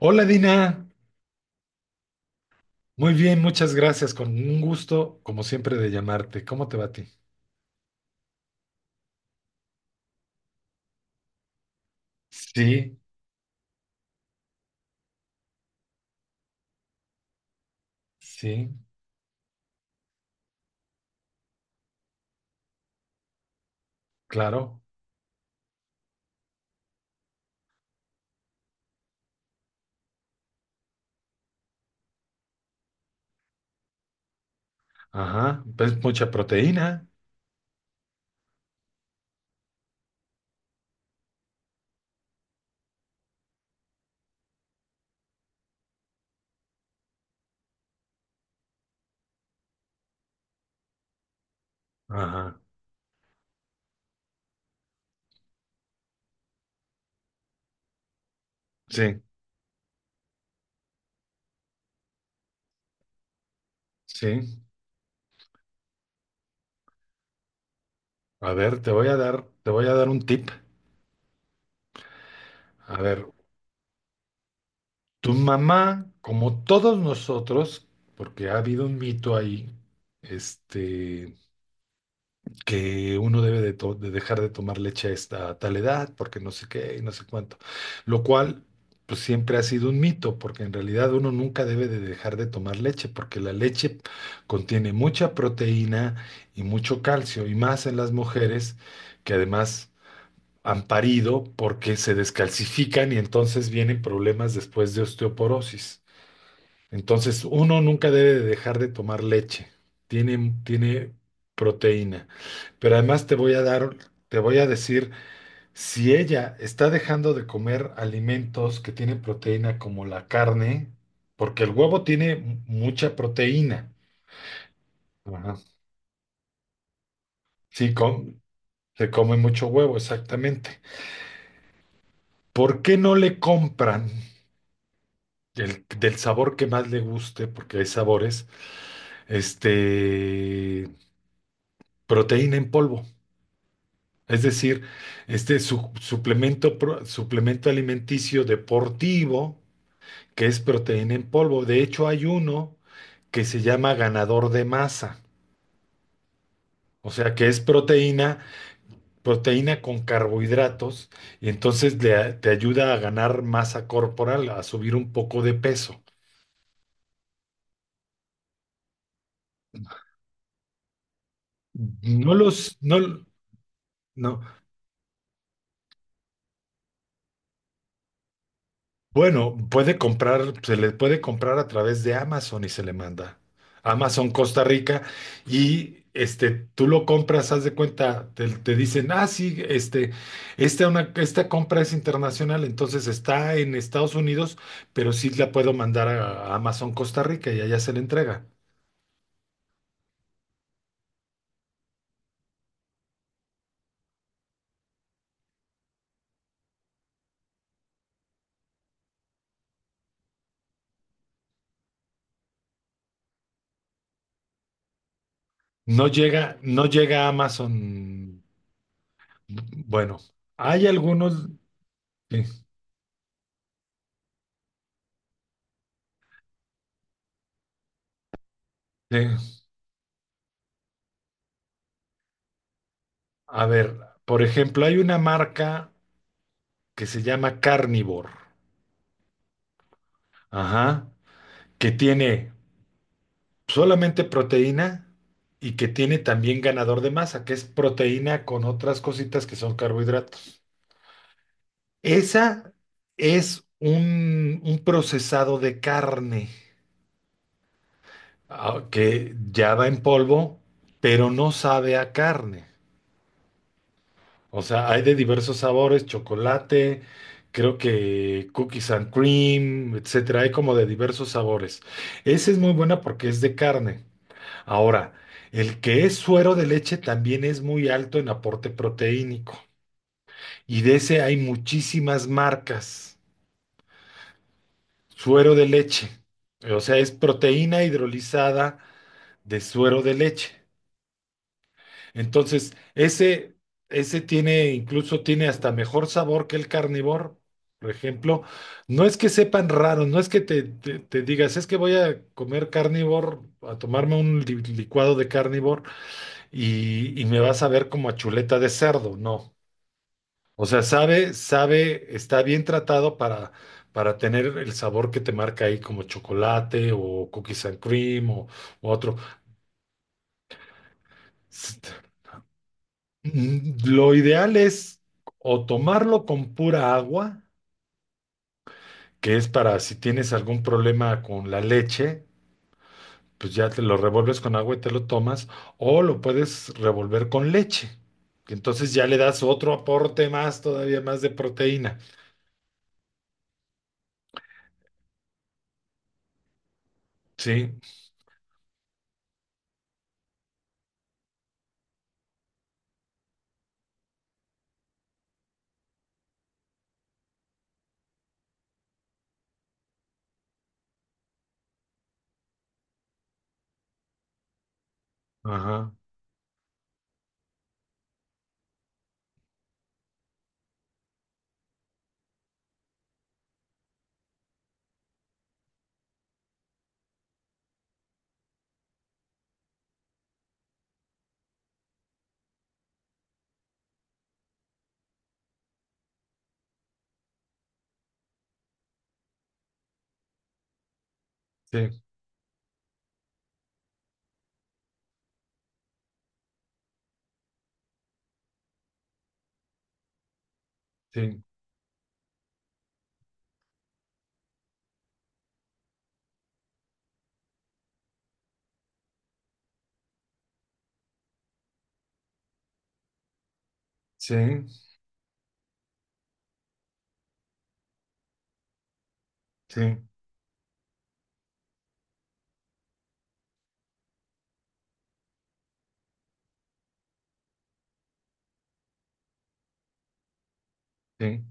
Hola Dina, muy bien, muchas gracias, con un gusto como siempre de llamarte. ¿Cómo te va a ti? Sí, sí, claro. Ajá, pues mucha proteína. Ajá, sí, sí. A ver, te voy a dar un tip. A ver, tu mamá, como todos nosotros, porque ha habido un mito ahí, este, que uno debe de dejar de tomar leche a esta a tal edad, porque no sé qué y no sé cuánto. Lo cual, pues siempre ha sido un mito, porque en realidad uno nunca debe de dejar de tomar leche, porque la leche contiene mucha proteína y mucho calcio, y más en las mujeres que además han parido porque se descalcifican y entonces vienen problemas después de osteoporosis. Entonces, uno nunca debe de dejar de tomar leche. Tiene proteína. Pero además te voy a dar, te voy a decir, si ella está dejando de comer alimentos que tienen proteína como la carne, porque el huevo tiene mucha proteína. Ajá. Sí, se come mucho huevo, exactamente. ¿Por qué no le compran del sabor que más le guste, porque hay sabores, este, proteína en polvo? Es decir, suplemento, suplemento alimenticio deportivo, que es proteína en polvo. De hecho, hay uno que se llama ganador de masa, o sea, que es proteína con carbohidratos, y entonces te ayuda a ganar masa corporal, a subir un poco de peso. No los, no, no. Bueno, puede comprar, se le puede comprar a través de Amazon y se le manda. Amazon Costa Rica y tú lo compras, haz de cuenta, te dicen, ah, sí, esta compra es internacional, entonces está en Estados Unidos, pero sí la puedo mandar a Amazon Costa Rica y allá se le entrega. No llega, no llega a Amazon. Bueno, hay algunos, sí, sí. A ver, por ejemplo, hay una marca que se llama Carnivore, ajá, que tiene solamente proteína y que tiene también ganador de masa, que es proteína con otras cositas que son carbohidratos. Esa es un procesado de carne, ah, que ya va en polvo, pero no sabe a carne. O sea, hay de diversos sabores, chocolate, creo que cookies and cream, etcétera. Hay como de diversos sabores. Esa es muy buena porque es de carne. Ahora, el que es suero de leche también es muy alto en aporte proteínico y de ese hay muchísimas marcas. Suero de leche, o sea, es proteína hidrolizada de suero de leche. Entonces, ese tiene, incluso tiene hasta mejor sabor que el carnívoro. Por ejemplo, no es que sepan raro, no es que te digas, es que voy a comer carnívoro, a tomarme un licuado de carnívoro y me vas a ver como a chuleta de cerdo, no. O sea, sabe, está bien tratado para tener el sabor que te marca ahí como chocolate o cookies and cream o otro. S- Lo ideal es o tomarlo con pura agua, que es para si tienes algún problema con la leche, pues ya te lo revuelves con agua y te lo tomas, o lo puedes revolver con leche, que entonces ya le das otro aporte más, todavía más de proteína. Sí, ajá, sí, sí, sí, sí, sí,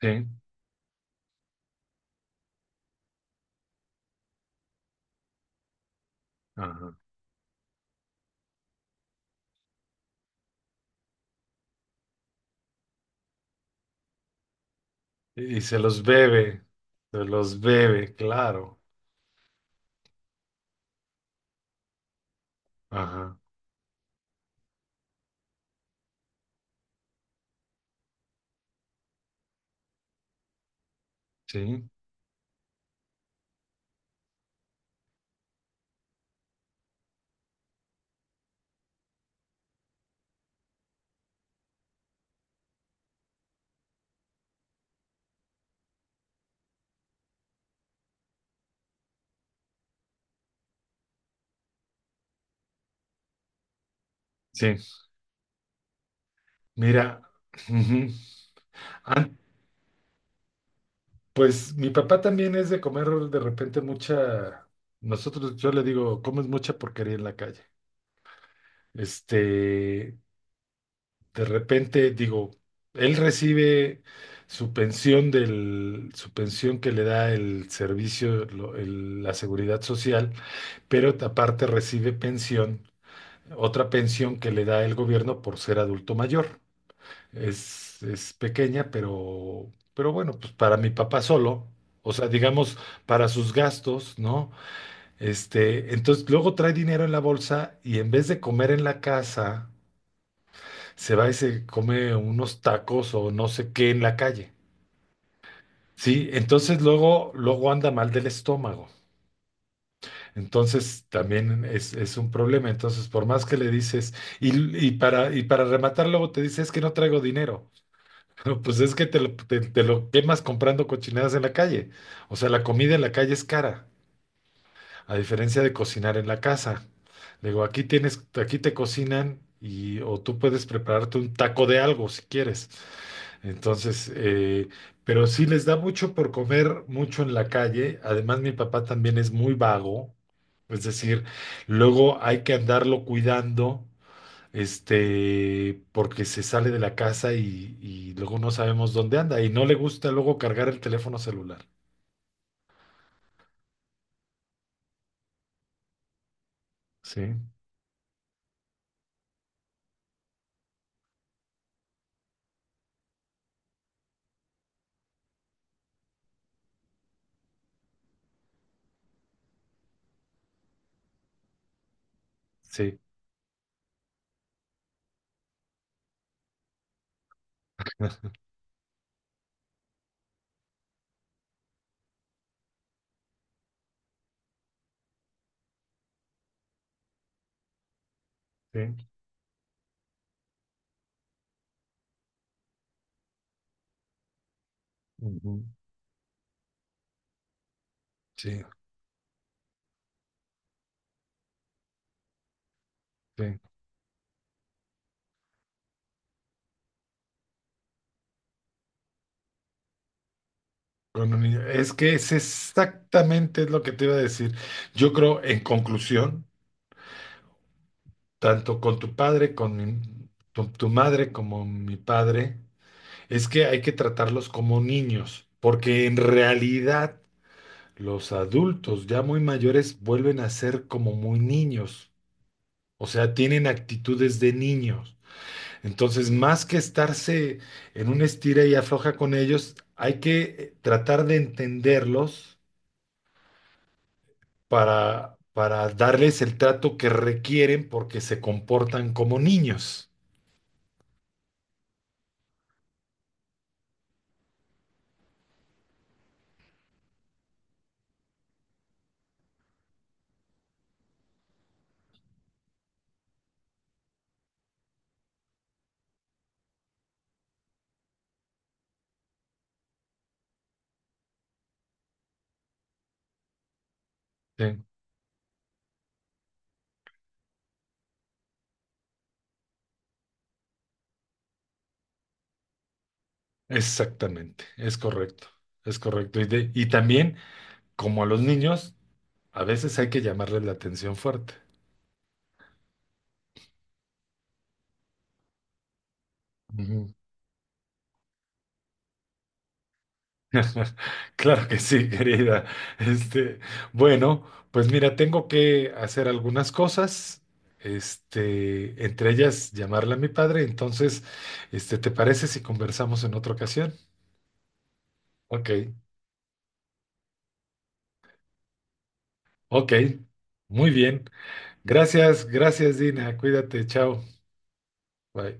sí, ajá. Y se los bebe, claro, ajá, sí, sí. Mira, ujú. Ah, pues mi papá también es de comer de repente mucha, nosotros, yo le digo, comes mucha porquería en la calle. Este, De repente, digo, él recibe su pensión su pensión que le da el servicio, la seguridad social, pero aparte recibe pensión, otra pensión que le da el gobierno por ser adulto mayor. Es pequeña, pero bueno, pues para mi papá solo, o sea, digamos, para sus gastos, ¿no? Entonces luego trae dinero en la bolsa y en vez de comer en la casa se va y se come unos tacos o no sé qué en la calle. Sí, entonces luego anda mal del estómago. Entonces también es un problema. Entonces, por más que le dices, y para rematar, luego te dices, es que no traigo dinero. No, pues es que te lo quemas comprando cochinadas en la calle. O sea, la comida en la calle es cara, a diferencia de cocinar en la casa. Le digo, aquí tienes, aquí te cocinan y o tú puedes prepararte un taco de algo si quieres. Entonces, pero sí les da mucho por comer mucho en la calle. Además, mi papá también es muy vago, es decir, luego hay que andarlo cuidando, porque se sale de la casa y luego no sabemos dónde anda y no le gusta luego cargar el teléfono celular. Sí, sí, sí, ujú, sí, sí. Con un niño. Es que es exactamente lo que te iba a decir. Yo creo, en conclusión, tanto con tu padre, con tu madre como mi padre, es que hay que tratarlos como niños, porque en realidad los adultos ya muy mayores vuelven a ser como muy niños, o sea, tienen actitudes de niños. Entonces, más que estarse en un estira y afloja con ellos, hay que tratar de entenderlos para darles el trato que requieren porque se comportan como niños. ¿Sí? Exactamente, es correcto, es correcto. Y, y también, como a los niños, a veces hay que llamarles la atención fuerte. Ujú. Claro que sí, querida. Este, bueno, pues mira, tengo que hacer algunas cosas, entre ellas llamarle a mi padre. Entonces, ¿te parece si conversamos en otra ocasión? Ok, ok, muy bien. Gracias, gracias, Dina. Cuídate, chao. Bye.